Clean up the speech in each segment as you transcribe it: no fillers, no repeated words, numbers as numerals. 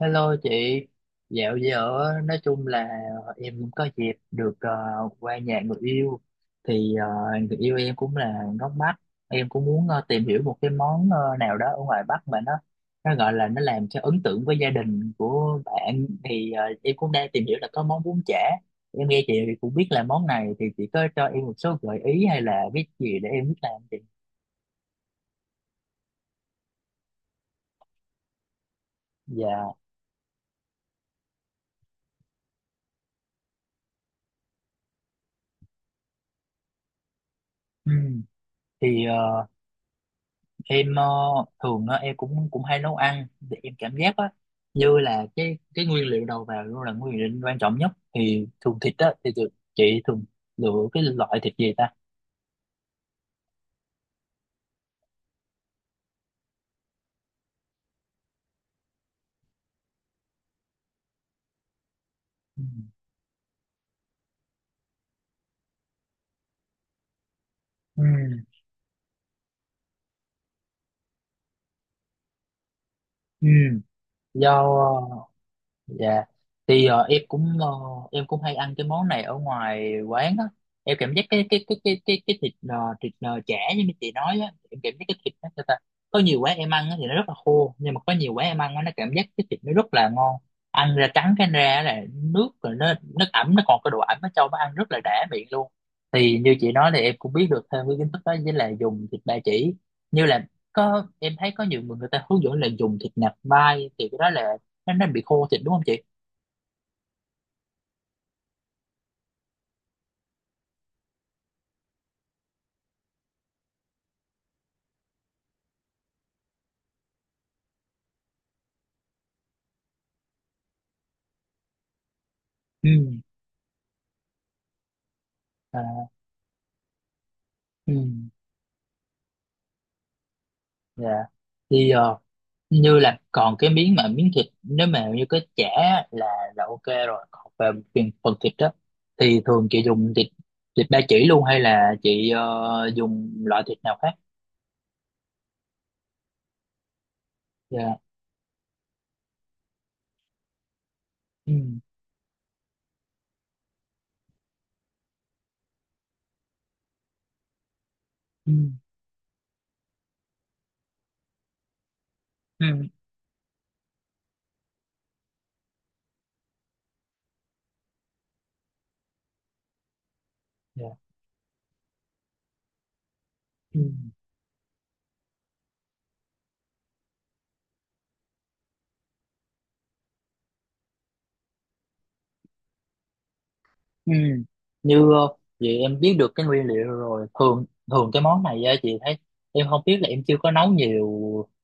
Hello chị, dạo giờ á, nói chung là em cũng có dịp được qua nhà người yêu, thì người yêu em cũng là gốc Bắc, em cũng muốn tìm hiểu một cái món nào đó ở ngoài Bắc mà nó gọi là nó làm cho ấn tượng với gia đình của bạn, thì em cũng đang tìm hiểu là có món bún chả. Em nghe chị cũng biết là món này, thì chị có cho em một số gợi ý hay là biết gì để em biết làm chị. Dạ. Ừ. Thì em ờ, thường á, em cũng cũng hay nấu ăn thì em cảm giác á, như là cái nguyên liệu đầu vào luôn là nguyên liệu quan trọng nhất, thì thường thịt á thì thường, chị thường lựa cái loại thịt gì ta. Ừ. Ừ. Ừ. Do. Dạ. Thì em cũng hay ăn cái món này ở ngoài quán á. Em cảm giác cái thịt chả, như mấy chị nói á, em cảm giác cái thịt nó sao ta. Có nhiều quán em ăn á thì nó rất là khô, nhưng mà có nhiều quán em ăn á nó cảm giác cái thịt nó rất là ngon. Ăn ra trắng cái ra là nước rồi, nó ẩm, nó còn cái độ ẩm ở trong, nó ăn rất là đã miệng luôn. Thì như chị nói thì em cũng biết được thêm cái kiến thức đó với là dùng thịt ba chỉ. Như là, có em thấy có nhiều người người ta hướng dẫn là dùng thịt nạc vai, thì cái đó là nó bị khô thịt đúng không chị. Ừ. À, ừ. Dạ, thì như là còn cái miếng, mà miếng thịt nếu mà như cái chả là là ok rồi, còn về phần thịt đó thì thường chị dùng thịt thịt ba chỉ luôn hay là chị dùng loại thịt nào khác. Dạ. Ừ. Ừ. Ừ. Dạ. Ừ. Ừ. Như vậy em biết được cái nguyên liệu rồi. Thường thường cái món này á, chị thấy, em không biết là em chưa có nấu nhiều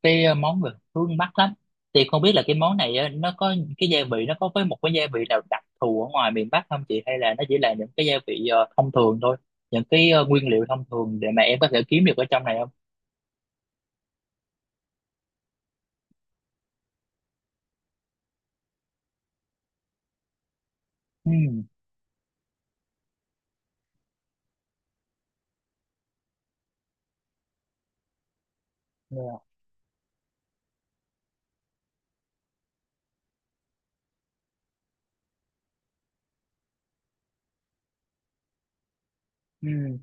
cái món về hướng Bắc lắm, thì không biết là cái món này á, nó có cái gia vị, nó có với một cái gia vị nào đặc thù ở ngoài miền Bắc không chị, hay là nó chỉ là những cái gia vị thông thường thôi, những cái nguyên liệu thông thường để mà em có thể kiếm được ở trong này không. Ừ. Dạ, ừ.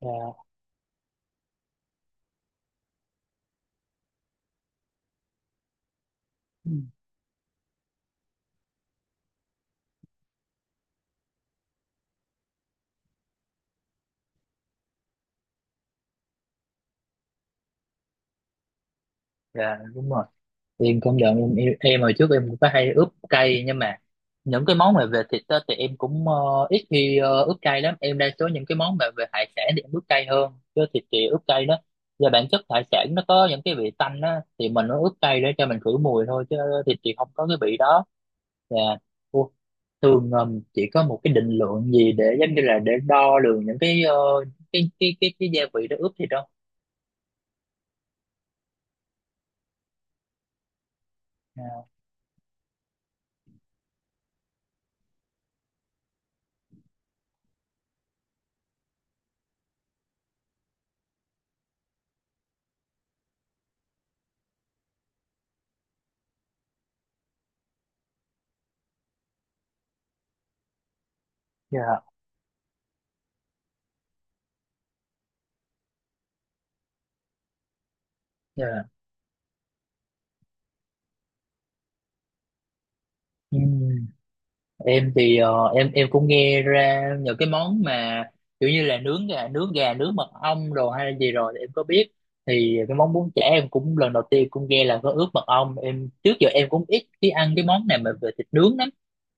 Dạ, ừ. Dạ, đúng rồi. Thì em công nhận em, em hồi trước em cũng có hay ướp cay, nhưng mà những cái món mà về thịt á, thì em cũng ít khi ướp cay lắm, em đa số những cái món mà về hải sản thì em ướp cay hơn, chứ thịt thì ướp cay đó, và bản chất hải sản nó có những cái vị tanh á, thì mình nó ướp cay để cho mình khử mùi thôi, chứ thịt thì không có cái vị đó. Và ô, thường chỉ có một cái định lượng gì để giống như là để đo lường những cái gia vị đó ướp thịt đâu. Dạ. Dạ. Dạ. Ừ. Em thì em cũng nghe ra nhờ cái món mà kiểu như là nướng gà nướng mật ong rồi hay là gì rồi thì em có biết, thì cái món bún chả em cũng lần đầu tiên cũng nghe là có ướp mật ong, em trước giờ em cũng ít khi ăn cái món này mà về thịt nướng lắm,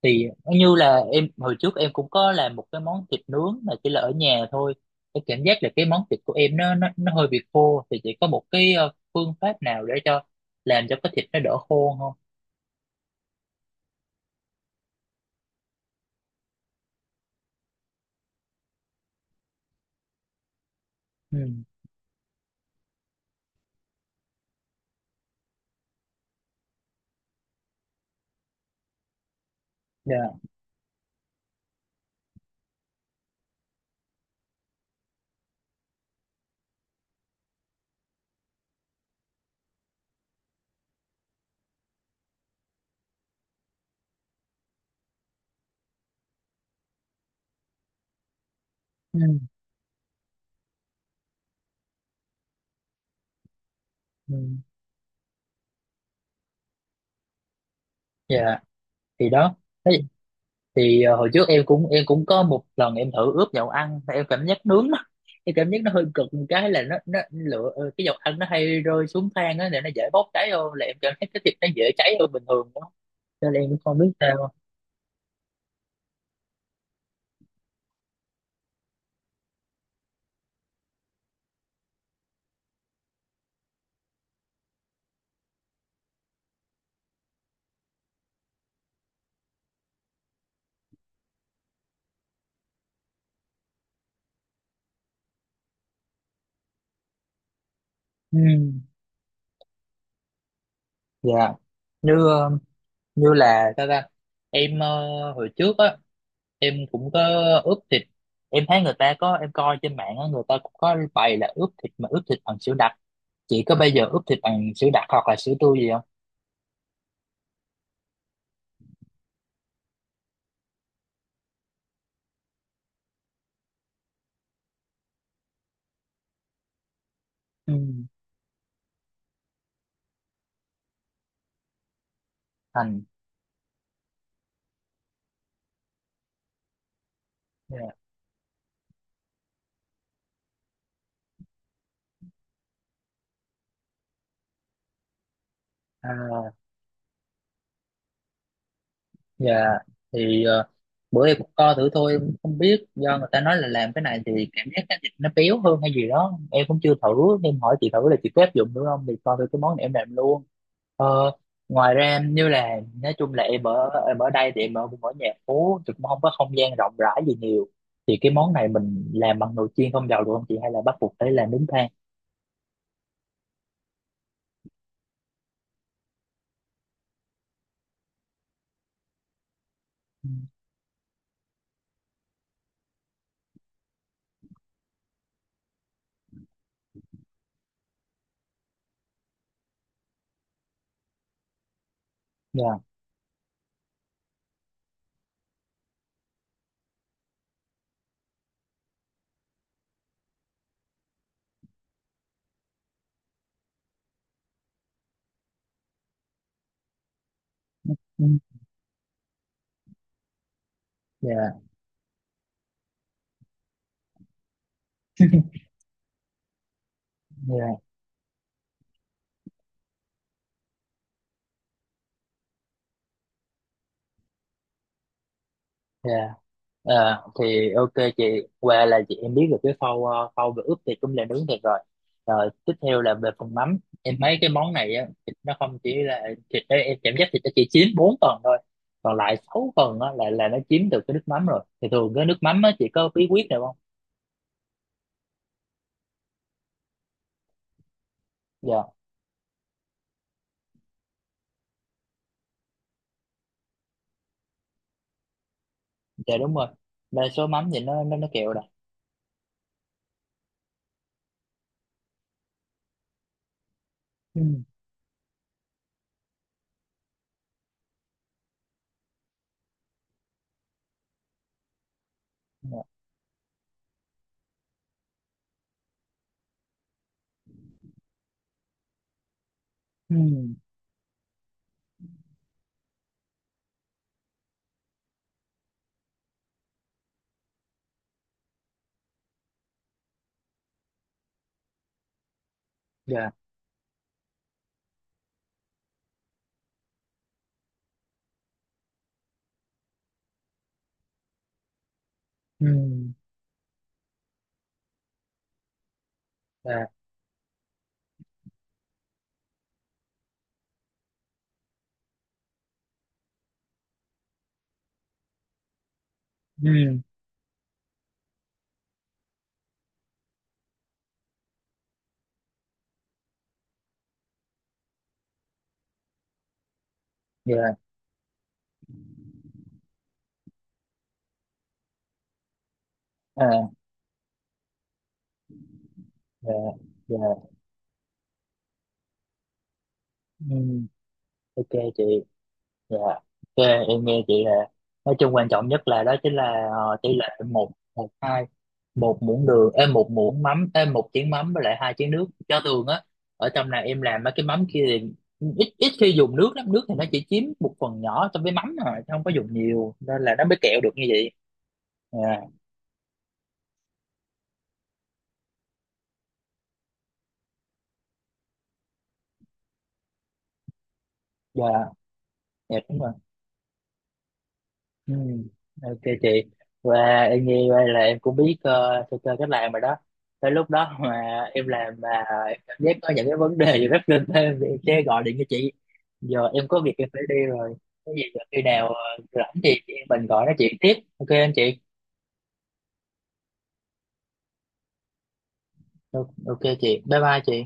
thì nó như là em hồi trước em cũng có làm một cái món thịt nướng mà chỉ là ở nhà thôi, cái cảm giác là cái món thịt của em nó hơi bị khô, thì chỉ có một cái phương pháp nào để cho làm cho cái thịt nó đỡ khô không. Ừ. Dạ. Ừ. Ừ. Dạ, thì đó, thế thì hồi trước em cũng có một lần em thử ướp dầu ăn mà em cảm giác nướng nó, em cảm giác nó hơi cực một cái là nó lửa cái dầu ăn nó hay rơi xuống than á để nó dễ bốc cháy, hơn là em cảm thấy cái thịt nó dễ cháy hơn bình thường đó, cho nên em cũng không biết sao. Ừ. Dạ. như ờ, Như là sao ta, em hồi trước á em cũng có ướp thịt, em thấy người ta có, em coi trên mạng á, người ta cũng có bày là ướp thịt, mà ướp thịt bằng sữa đặc, chỉ có bây giờ ướp thịt bằng sữa đặc hoặc là sữa tươi gì. Ừ. Thành. Dạ. À, dạ, thì bữa em cũng co thử thôi, em cũng không biết do người ta nói là làm cái này thì cảm giác cái thịt nó béo hơn hay gì đó, em cũng chưa thử nên hỏi chị thử là chị có áp dụng được không thì coi thử cái món này em làm luôn. Ờ, ngoài ra em như là nói chung là em ở đây thì cũng ở nhà phố thì cũng không có không gian rộng rãi gì nhiều, thì cái món này mình làm bằng nồi chiên không dầu được không chị, hay là bắt buộc phải làm nướng than. Ừ. Dạ. Ừ. Dạ. Dạ. Dạ. Ờ, thì ok chị, qua là chị em biết được cái khâu về ướp thịt cũng là nướng thịt rồi, rồi tiếp theo là về phần mắm. Em thấy cái món này á, thịt nó không chỉ là thịt đấy, em cảm giác thịt nó chỉ chiếm 4 phần thôi, còn lại 6 phần á là nó chiếm được cái nước mắm, rồi thì thường cái nước mắm á chị có bí quyết nào không. Dạ. Dạ, đúng rồi, đa số mắm thì nó kẹo rồi. Ừ. Dạ. Ừ. Dạ. Ừ. Dạ. Ừ. Dạ. À. Dạ. Dạ. Ừ. Ok chị. Dạ, ok, em nghe chị là nói chung quan trọng nhất là đó chính là tỷ lệ 1:1:2, một muỗng đường, em một muỗng mắm, em một chén mắm với lại hai chén nước. Cho thường á, ở trong này em làm mấy cái mắm kia thì ít, ít khi dùng nước lắm, nước thì nó chỉ chiếm một phần nhỏ trong cái mắm thôi chứ không có dùng nhiều, nên là nó mới kẹo được như vậy. Dạ. Dạ. Dạ, đúng rồi. Ừ, ok chị, và em nghe vậy là em cũng biết sơ sơ cách làm rồi đó, tới lúc đó mà em làm mà em cảm giác có những cái vấn đề gì rất linh thêm thì em sẽ gọi điện cho chị. Giờ em có việc em phải đi rồi, cái gì giờ khi nào rảnh thì chị em mình gọi nói chuyện tiếp, ok anh chị. Ok, ok chị, bye bye chị.